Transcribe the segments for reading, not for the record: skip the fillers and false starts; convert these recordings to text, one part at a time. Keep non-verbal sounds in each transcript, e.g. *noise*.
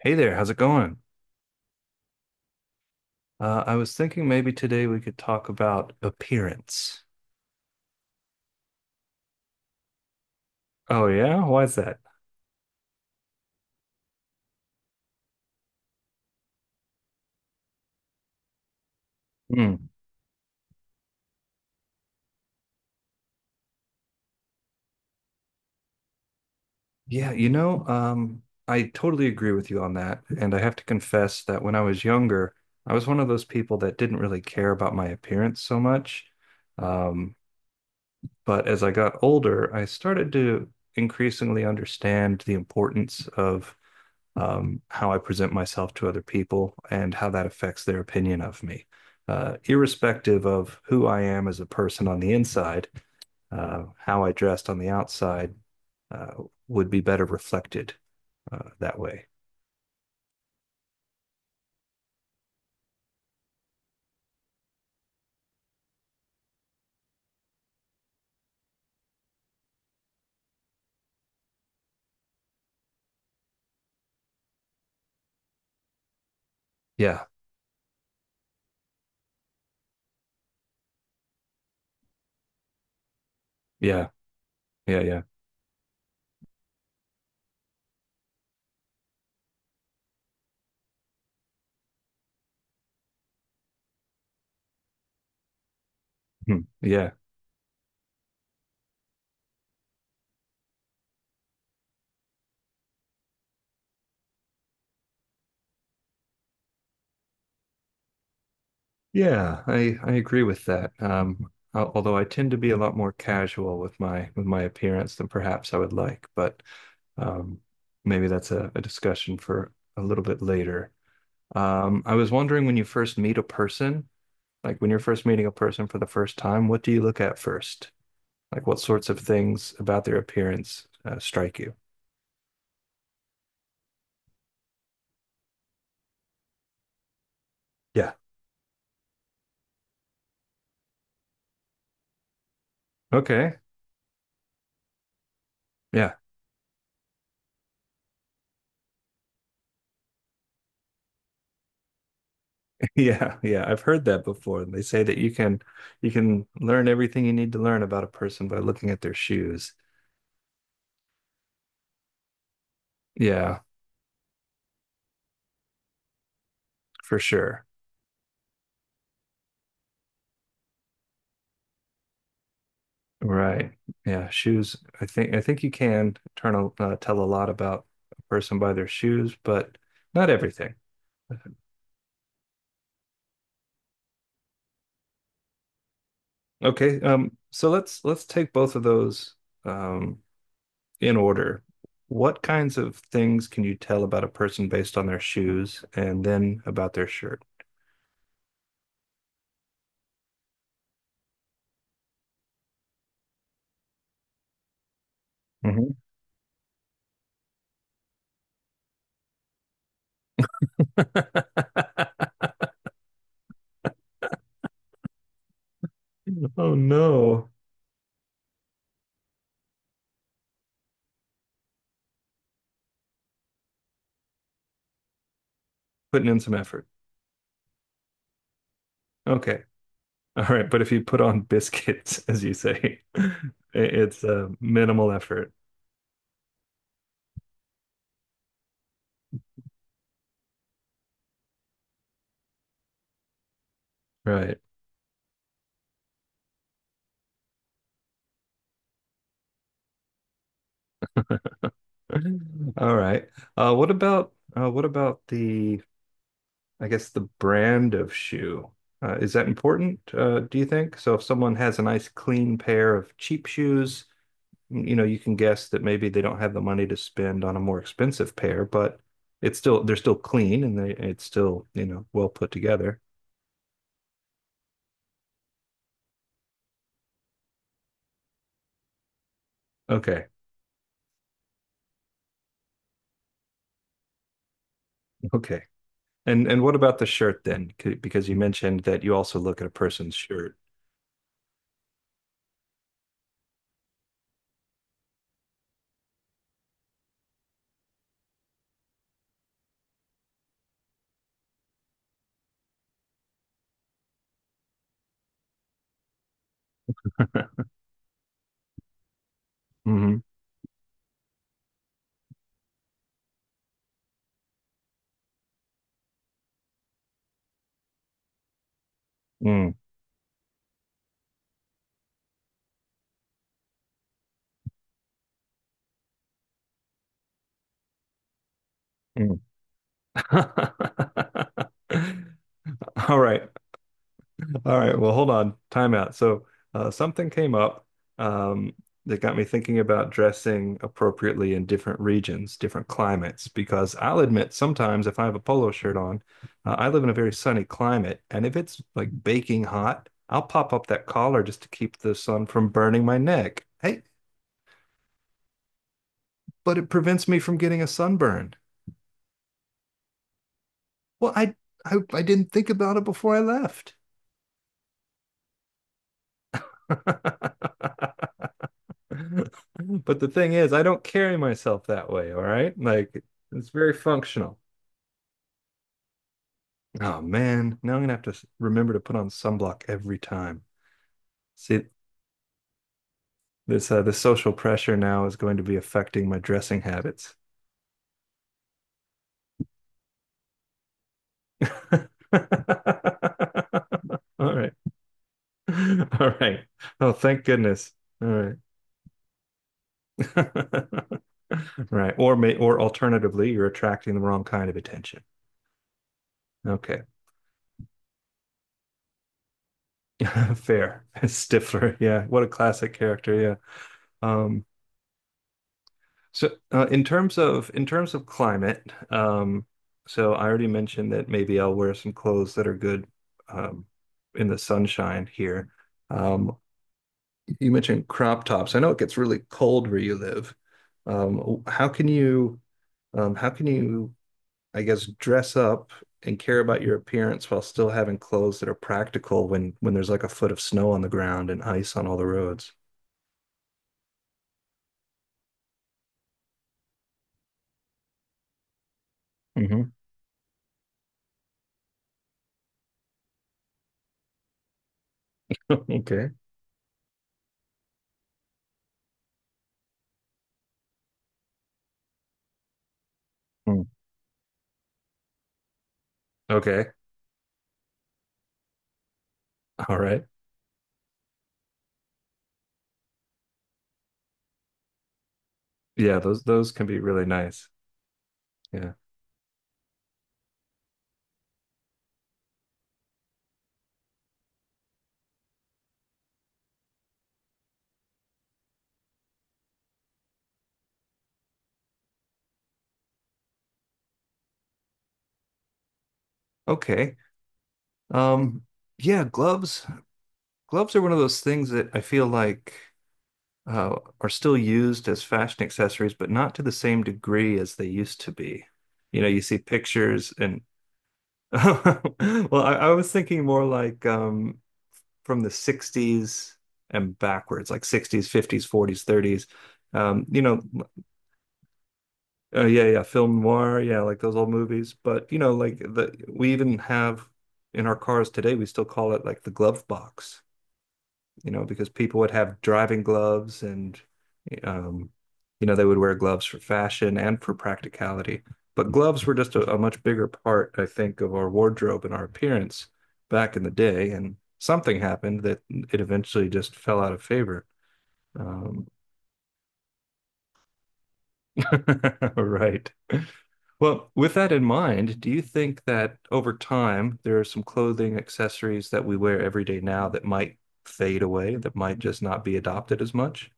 Hey there, how's it going? I was thinking maybe today we could talk about appearance. Oh yeah? Why is that? Hmm. Yeah, I totally agree with you on that. And I have to confess that when I was younger, I was one of those people that didn't really care about my appearance so much. Um, but as I got older, I started to increasingly understand the importance of how I present myself to other people and how that affects their opinion of me. Irrespective of who I am as a person on the inside, how I dressed on the outside uh, would be better reflected that way. Yeah, yeah, yeah, yeah. Hmm. Yeah, yeah. I agree with that. Although I tend to be a lot more casual with my appearance than perhaps I would like, but um, maybe that's a discussion for a little bit later. I was wondering when you first meet a person, like when you're first meeting a person for the first time, what do you look at first? Like what sorts of things about their appearance strike you? Yeah. Okay. Yeah. *laughs* Yeah. Yeah, I've heard that before. They say that you can learn everything you need to learn about a person by looking at their shoes. Yeah, for sure. Right. Yeah, shoes. I think you can tell a lot about a person by their shoes, but not everything. Okay, so let's take both of those um, in order. What kinds of things can you tell about a person based on their shoes and then about their shirt? Mhm. *laughs* Oh no, putting in some effort. Okay, all right, but if you put on biscuits, *laughs* as you say, *laughs* it's minimal effort, right? All right. Uh, what about what about the I guess the brand of shoe. Is that important, do you think? So if someone has a nice clean pair of cheap shoes, you know, you can guess that maybe they don't have the money to spend on a more expensive pair, but it's still they're still clean and they it's still, you know, well put together. Okay. Okay. And what about the shirt then? Because you mentioned that you also look at a person's shirt. *laughs* Mm-hmm. Mm, mm. *laughs* All right. All right, well, hold on. Time out. So, something came up um, that got me thinking about dressing appropriately in different regions, different climates, because I'll admit sometimes if I have a polo shirt on, I live in a very sunny climate, and if it's like baking hot, I'll pop up that collar just to keep the sun from burning my neck. Hey, but it prevents me from getting a sunburn. Well, I I didn't think about it before I left. *laughs* *laughs* But the thing is, I don't carry myself that way, all right? Like it's very functional. Oh man, now I'm gonna have to remember to put on sunblock every time. See, this the social pressure now is going to be affecting my dressing habits. *laughs* All right. All right. Oh, thank goodness. All right. *laughs* Right. Or may or alternatively, you're attracting the wrong kind of attention. Okay. *laughs* Fair. *laughs* Stifler. Yeah. What a classic character. Yeah. Um So, in terms of climate, um, so I already mentioned that maybe I'll wear some clothes that are good um, in the sunshine here. Um, you mentioned crop tops. I know it gets really cold where you live. Um, how can you, how can you, I guess, dress up and care about your appearance while still having clothes that are practical when there's like a foot of snow on the ground and ice on all the roads? Mhm. *laughs* Okay. Mm. Okay. All right. Yeah, those can be really nice. Yeah. Okay. Um, yeah, gloves. Gloves are one of those things that I feel like are still used as fashion accessories, but not to the same degree as they used to be. You know, you see pictures and *laughs* well, I was thinking more like from the 60s and backwards, like 60s, 50s, 40s, 30s. Um, you know, Oh yeah, yeah, film noir, yeah, like those old movies. But you know, like the we even have in our cars today, we still call it like the glove box, you know, because people would have driving gloves and um, you know, they would wear gloves for fashion and for practicality. But gloves were just a much bigger part, I think, of our wardrobe and our appearance back in the day. And something happened that it eventually just fell out of favor. Um, *laughs* right. Well, with that in mind, do you think that over time there are some clothing accessories that we wear every day now that might fade away, that might just not be adopted as much?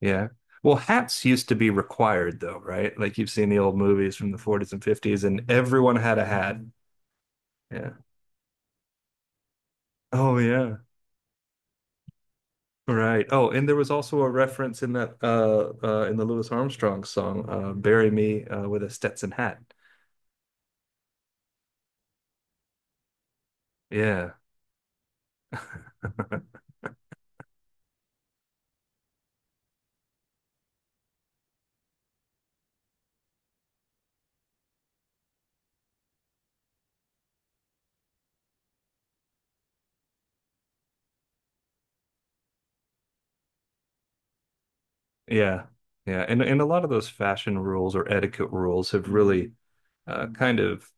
Yeah. Well, hats used to be required though, right? Like you've seen the old movies from the 40s and 50s, and everyone had a hat. Yeah. Oh yeah. Right. Oh, and there was also a reference in that in the Louis Armstrong song, Bury Me with a Stetson hat. Yeah. *laughs* Yeah. Yeah. And a lot of those fashion rules or etiquette rules have really uh, kind of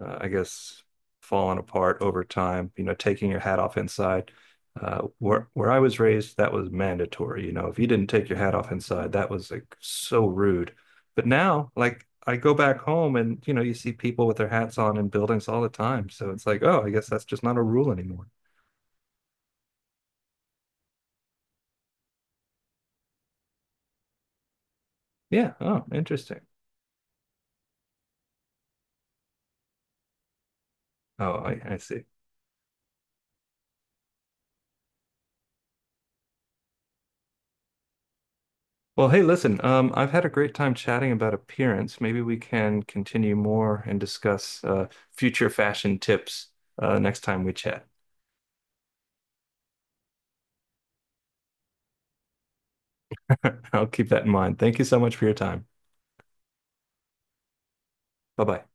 I guess fallen apart over time, you know, taking your hat off inside. Where I was raised, that was mandatory. You know, if you didn't take your hat off inside, that was like so rude. But now, like I go back home and you know, you see people with their hats on in buildings all the time. So it's like, oh, I guess that's just not a rule anymore. Yeah. Oh, interesting. I see. Well, hey, listen, I've had a great time chatting about appearance. Maybe we can continue more and discuss future fashion tips next time we chat. *laughs* I'll keep that in mind. Thank you so much for your time. Bye bye.